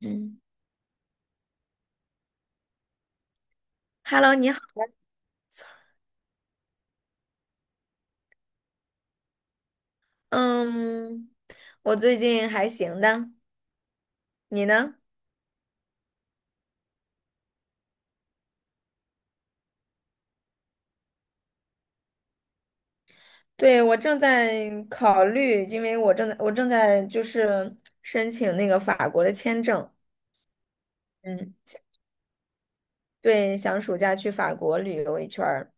嗯，Hello，你好。嗯，我最近还行的，你呢？对，我正在考虑，因为我正在就是申请那个法国的签证。嗯，对，想暑假去法国旅游一圈儿，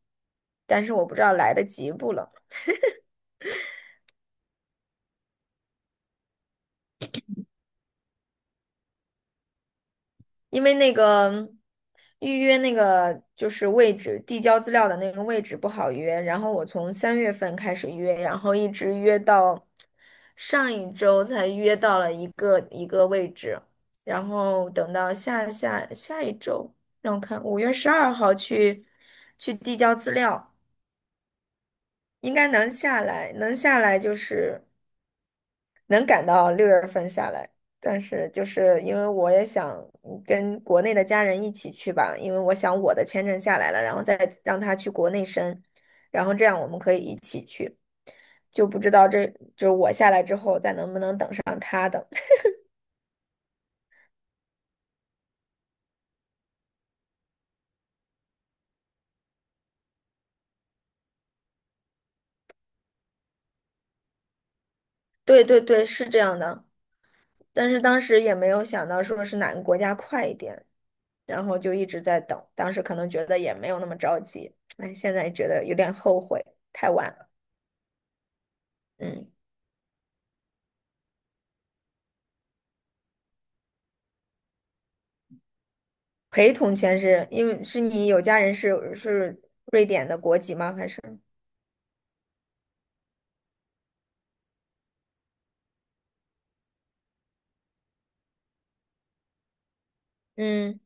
但是我不知道来得及不了。因为那个预约那个就是位置，递交资料的那个位置不好约，然后我从3月份开始约，然后一直约到上一周才约到了一个一个位置，然后等到下下下一周，让我看5月12号去递交资料，应该能下来，能下来就是。能赶到6月份下来，但是就是因为我也想跟国内的家人一起去吧，因为我想我的签证下来了，然后再让他去国内申，然后这样我们可以一起去，就不知道这就是我下来之后再能不能等上他的。对对对，是这样的，但是当时也没有想到说是哪个国家快一点，然后就一直在等，当时可能觉得也没有那么着急，哎，现在觉得有点后悔，太晚了，嗯。陪同签是因为是你有家人是瑞典的国籍吗？还是嗯？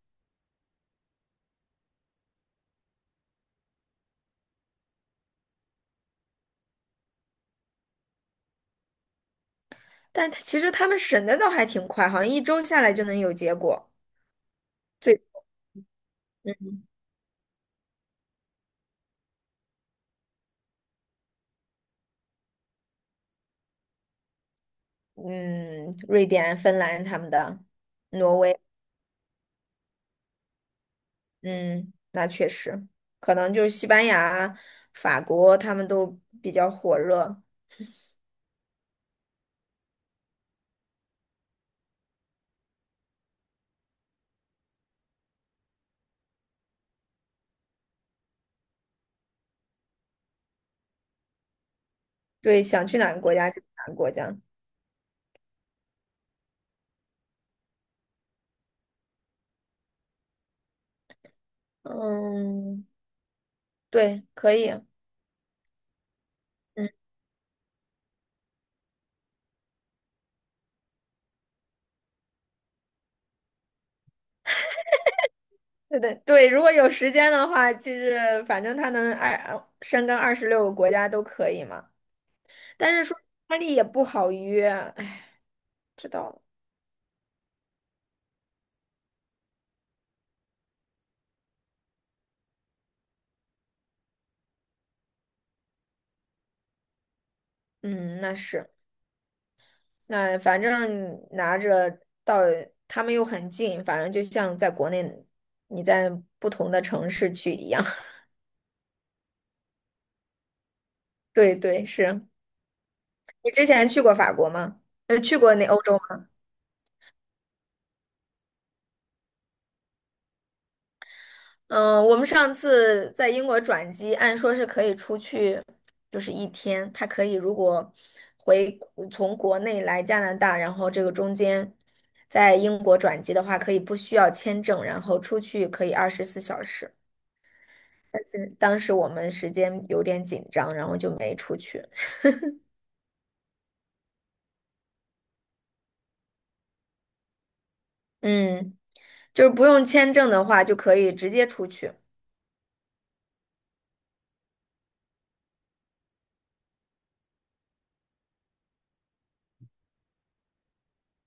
但他其实他们审的倒还挺快，好像一周下来就能有结果。最嗯，瑞典、芬兰他们的，挪威，嗯，那确实，可能就是西班牙、法国他们都比较火热。对，想去哪个国家就去哪个国家。嗯，对，可以。嗯，对对对，如果有时间的话，就是反正他能二深耕26个国家都可以嘛。但是说意大利也不好约，哎，嗯，那是，那反正拿着到他们又很近，反正就像在国内你在不同的城市去一样。对对，是你之前去过法国吗？去过那欧洲。嗯，我们上次在英国转机，按说是可以出去，就是一天。他可以如果回从国内来加拿大，然后这个中间在英国转机的话，可以不需要签证，然后出去可以24小时。但是当时我们时间有点紧张，然后就没出去。嗯，就是不用签证的话，就可以直接出去。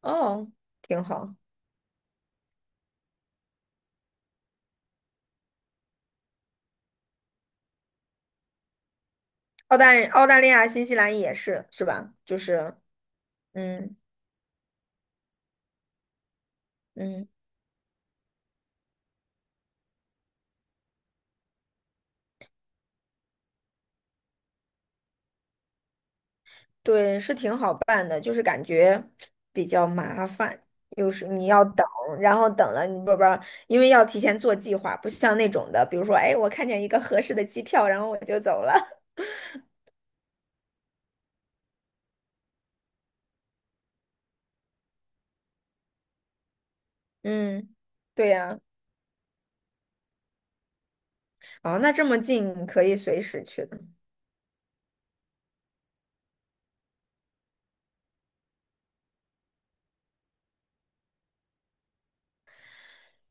哦，挺好。澳大利亚、新西兰也是，是吧？就是，嗯。嗯。对，是挺好办的，就是感觉比较麻烦，有时你要等，然后等了你不，因为要提前做计划，不像那种的，比如说，哎，我看见一个合适的机票，然后我就走了。嗯，对呀，哦，那这么近可以随时去的，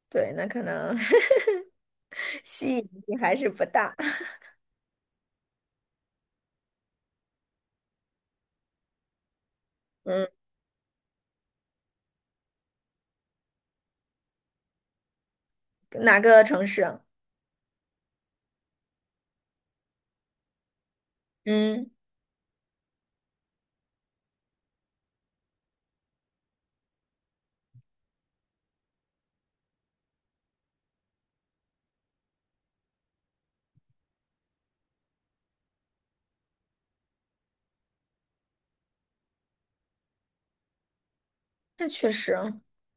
对，那可能 吸引力还是不大。嗯，哪个城市啊？嗯，那确实，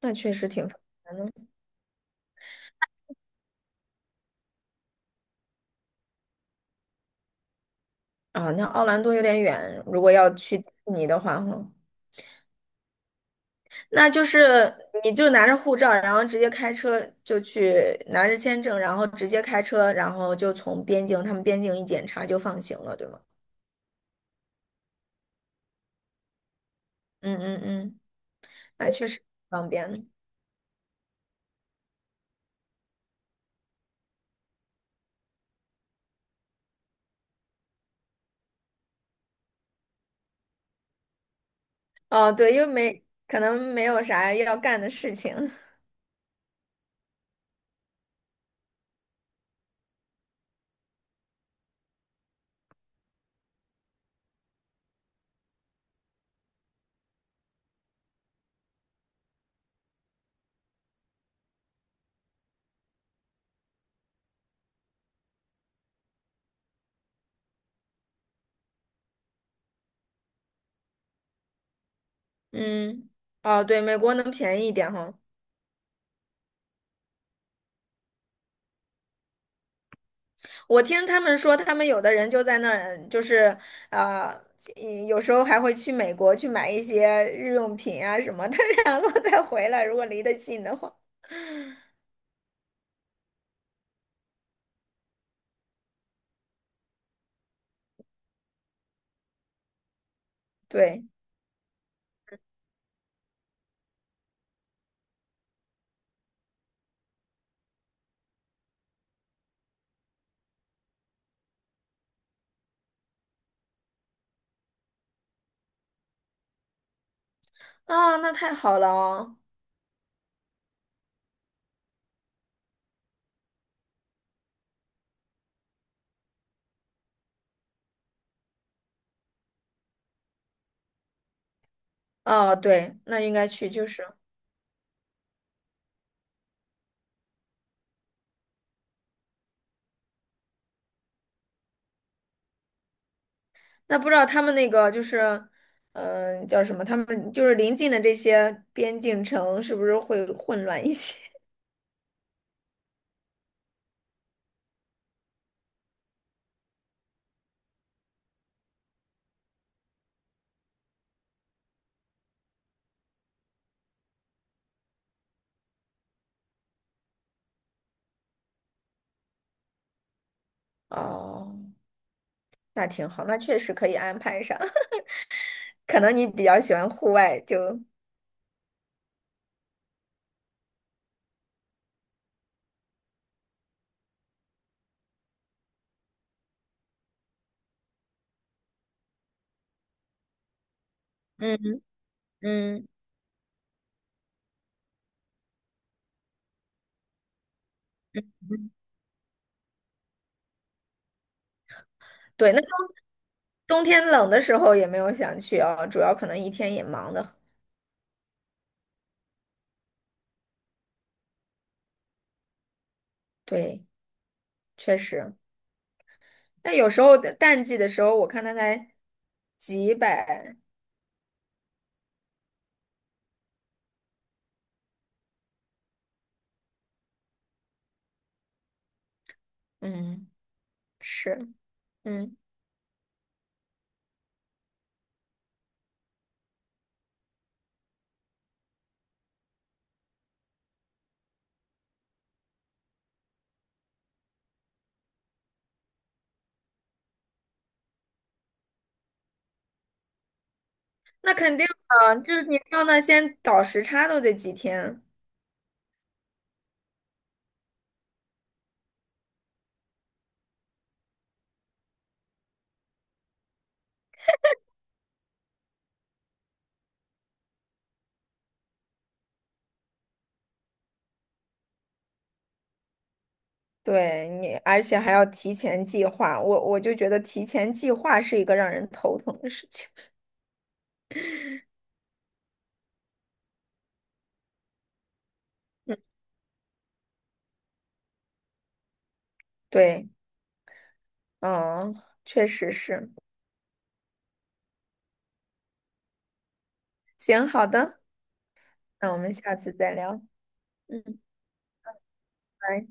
那确实挺烦的。啊、那奥兰多有点远，如果要去迪士尼的话，哈。那就是你就拿着护照，然后直接开车就去拿着签证，然后直接开车，然后就从边境，他们边境一检查就放行了，对吗？嗯嗯嗯，那确实方便。哦，对，因为没可能没有啥要干的事情。嗯，哦，对，美国能便宜一点哈。我听他们说，他们有的人就在那儿，就是啊，一有时候还会去美国去买一些日用品啊什么的，然后再回来，如果离得近的话。对。啊，那太好了哦。哦，对，那应该去，就是那不知道他们那个就是，嗯、叫什么？他们就是临近的这些边境城，是不是会混乱一些？哦，那挺好，那确实可以安排上。可能你比较喜欢户外，就嗯嗯，对。那冬天冷的时候也没有想去啊，主要可能一天也忙的。对，确实。那有时候淡季的时候，我看他才几百，嗯，是。嗯，那肯定的，就是你到那先倒时差都得几天。对你，而且还要提前计划。我就觉得提前计划是一个让人头疼的事情。嗯，对，嗯，确实是。行，好的，那我们下次再聊，嗯。拜。